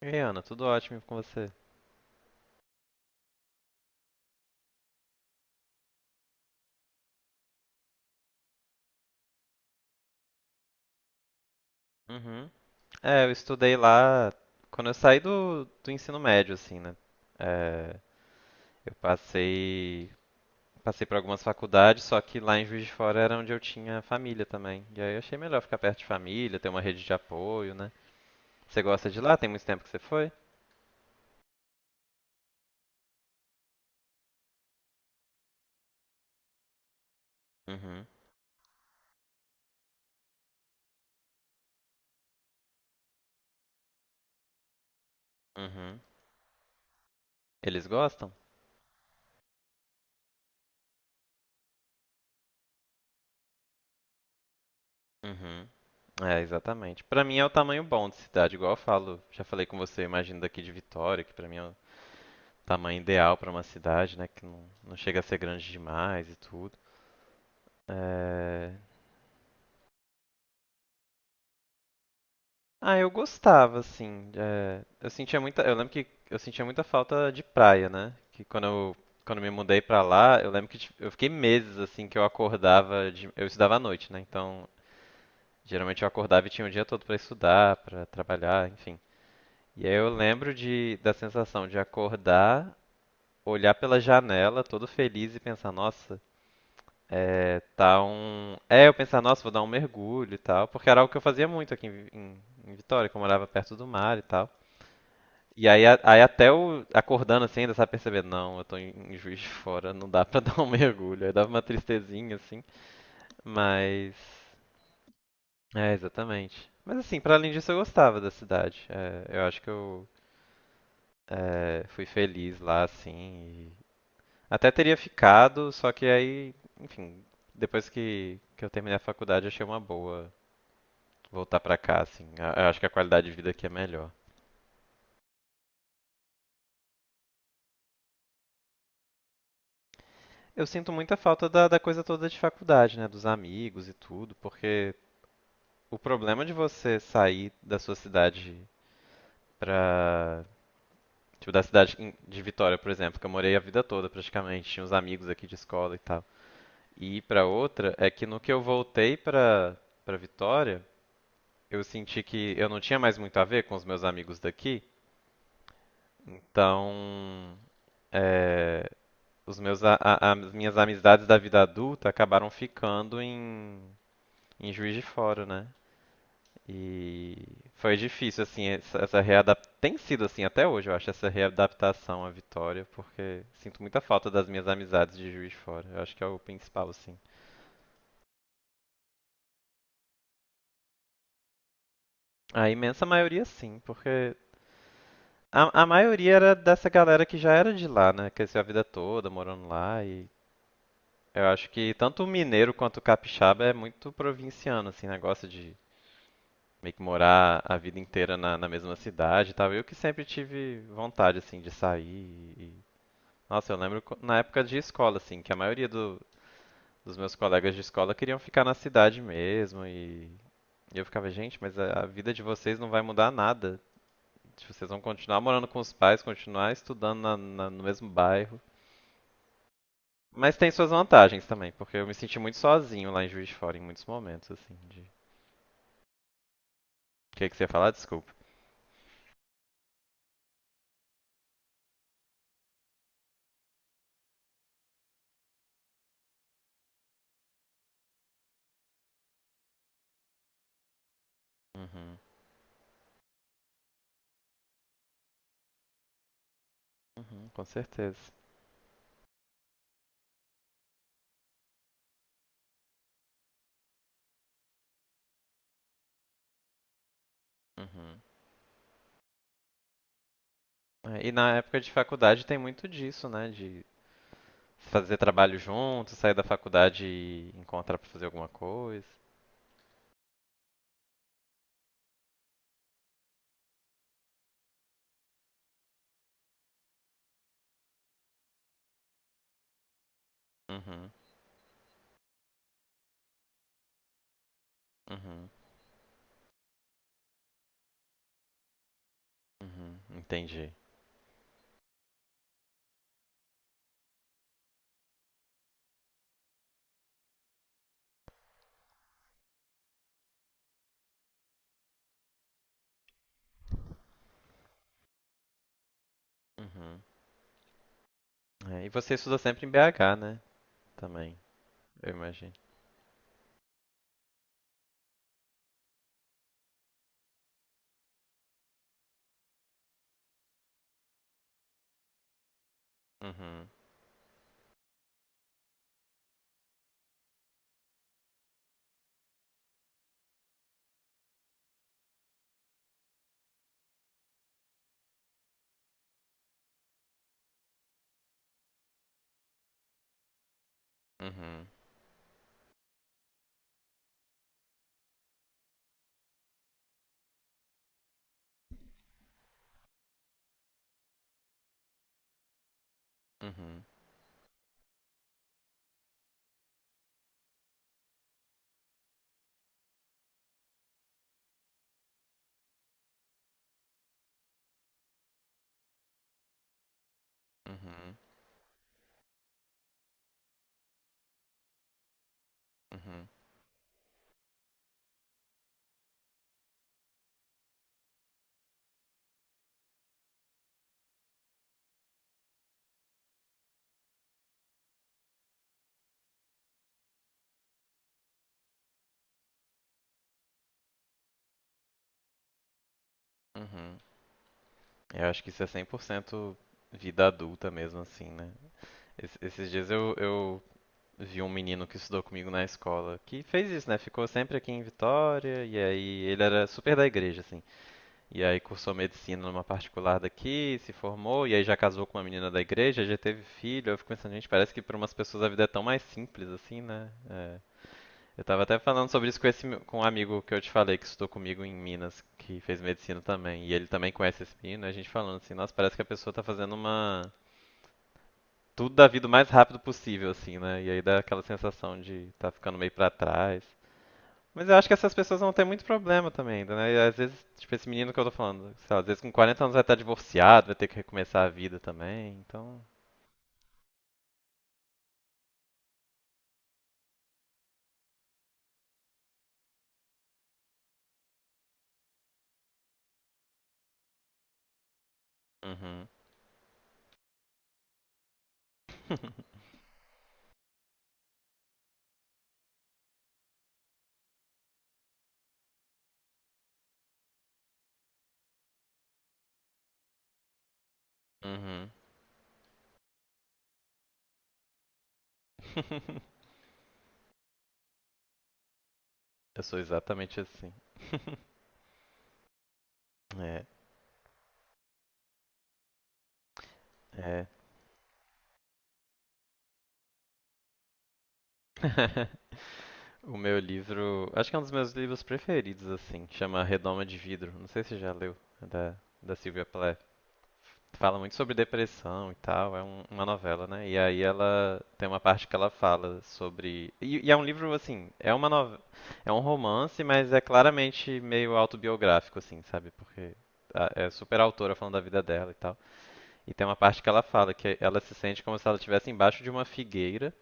E aí, Ana, tudo ótimo com você? Uhum. É, eu estudei lá quando eu saí do ensino médio, assim, né? É, eu passei por algumas faculdades, só que lá em Juiz de Fora era onde eu tinha família também. E aí eu achei melhor ficar perto de família, ter uma rede de apoio, né? Você gosta de lá? Tem muito tempo que você foi? Uhum, uhum. Eles gostam? Uhum. É, exatamente. Pra mim é o tamanho bom de cidade, igual eu falo. Já falei com você, eu imagino daqui de Vitória, que pra mim é um tamanho ideal para uma cidade, né? Que não chega a ser grande demais e tudo. É, ah, eu gostava, assim. Eu sentia muita. Eu lembro que eu sentia muita falta de praia, né? Quando me mudei pra lá, eu lembro que eu fiquei meses assim que eu acordava de... Eu estudava à noite, né? Então, geralmente eu acordava e tinha o dia todo pra estudar, pra trabalhar, enfim. E aí eu lembro de da sensação de acordar, olhar pela janela, todo feliz e pensar, nossa, eu pensar, nossa, vou dar um mergulho e tal, porque era algo que eu fazia muito aqui em Vitória, que eu morava perto do mar e tal. E aí, aí até eu acordando assim, ainda sabe perceber, não, eu tô em Juiz de Fora, não dá pra dar um mergulho. Aí dava uma tristezinha assim, mas. É, exatamente. Mas assim, pra além disso, eu gostava da cidade. É, eu acho que eu fui feliz lá, assim. E até teria ficado, só que aí, enfim, depois que eu terminei a faculdade, achei uma boa voltar pra cá, assim. Eu acho que a qualidade de vida aqui é melhor. Eu sinto muita falta da coisa toda de faculdade, né? Dos amigos e tudo, porque o problema de você sair da sua cidade pra. Tipo, da cidade de Vitória, por exemplo, que eu morei a vida toda praticamente, tinha uns amigos aqui de escola e tal. E ir pra outra é que no que eu voltei pra Vitória, eu senti que eu não tinha mais muito a ver com os meus amigos daqui, então. É, os meus, a- as minhas amizades da vida adulta acabaram ficando em Juiz de Fora, né? E foi difícil, assim, essa readaptação. Tem sido assim até hoje, eu acho, essa readaptação à Vitória, porque sinto muita falta das minhas amizades de Juiz de Fora. Eu acho que é o principal, assim. A imensa maioria, sim, porque a maioria era dessa galera que já era de lá, né? Cresceu a vida toda morando lá e. Eu acho que tanto o mineiro quanto o capixaba é muito provinciano, assim, negócio de meio que morar a vida inteira na mesma cidade e tal. Eu que sempre tive vontade, assim, de sair. Nossa, eu lembro na época de escola, assim, que a maioria dos meus colegas de escola queriam ficar na cidade mesmo. E eu ficava, gente, mas a vida de vocês não vai mudar nada. Tipo, vocês vão continuar morando com os pais, continuar estudando no mesmo bairro. Mas tem suas vantagens também, porque eu me senti muito sozinho lá em Juiz de Fora em muitos momentos, assim, de... O que que você ia falar? Desculpa. Uhum. Uhum, com certeza. Uhum. É, e na época de faculdade tem muito disso, né? De fazer trabalho junto, sair da faculdade e encontrar pra fazer alguma coisa. Uhum, uhum, uhum, entendi. Uhum. É, e você estuda sempre em BH, né? Também, eu imagino. Uhum, uhum, uhum, uhum, uhum, uhum. Eu acho que isso é 100% vida adulta mesmo, assim, né? Esses dias eu, vi um menino que estudou comigo na escola que fez isso, né? Ficou sempre aqui em Vitória e aí ele era super da igreja, assim. E aí cursou medicina numa particular daqui, se formou e aí já casou com uma menina da igreja, já teve filho. Eu fico pensando, gente, parece que para umas pessoas a vida é tão mais simples assim, né? É. Eu tava até falando sobre isso com esse com um amigo que eu te falei que estudou comigo em Minas, que fez medicina também, e ele também conhece esse menino, e a gente falando assim, nossa, parece que a pessoa tá fazendo uma tudo da vida o mais rápido possível, assim, né? E aí dá aquela sensação de tá ficando meio pra trás. Mas eu acho que essas pessoas vão ter muito problema também ainda, né? E às vezes, tipo, esse menino que eu tô falando, sei lá, às vezes com 40 anos vai estar divorciado, vai ter que recomeçar a vida também, então. Uhum. Uhum. Eu sou exatamente assim. É, é. O meu livro, acho que é um dos meus livros preferidos, assim, chama Redoma de Vidro. Não sei se você já leu, é da Sylvia Plath. Fala muito sobre depressão e tal, é uma novela, né? E aí ela tem uma parte que ela fala sobre. E é um livro, assim, é um romance, mas é claramente meio autobiográfico, assim, sabe? Porque é super autora falando da vida dela e tal. E tem uma parte que ela fala que ela se sente como se ela estivesse embaixo de uma figueira,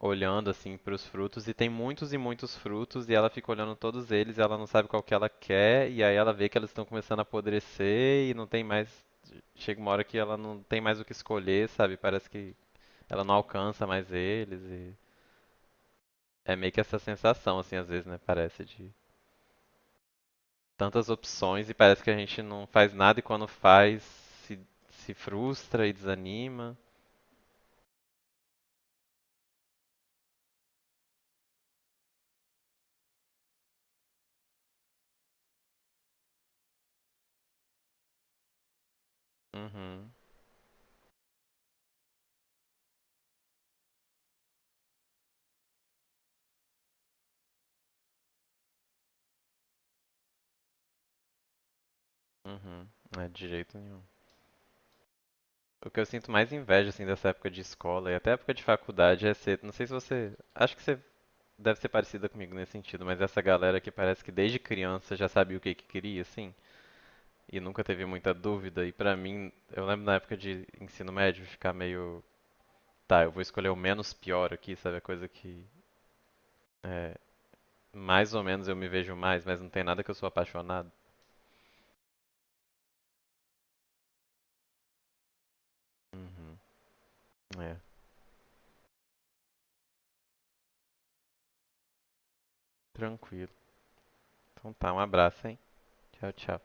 olhando assim para os frutos, e tem muitos e muitos frutos, e ela fica olhando todos eles, e ela não sabe qual que ela quer, e aí ela vê que eles estão começando a apodrecer e não tem mais chega uma hora que ela não tem mais o que escolher, sabe? Parece que ela não alcança mais eles e é meio que essa sensação assim às vezes, né? Parece de tantas opções e parece que a gente não faz nada e quando faz se, se frustra e desanima. Uhum, uhum. É, de jeito nenhum. O que eu sinto mais inveja, assim, dessa época de escola e até época de faculdade é ser. Não sei se você. Acho que você deve ser parecida comigo nesse sentido, mas essa galera que parece que desde criança já sabia o que que queria, assim. E nunca teve muita dúvida. E pra mim, eu lembro na época de ensino médio ficar meio, tá, eu vou escolher o menos pior aqui, sabe? A coisa que é, mais ou menos eu me vejo mais, mas não tem nada que eu sou apaixonado. Uhum. É, tranquilo. Então tá, um abraço, hein? Tchau, tchau.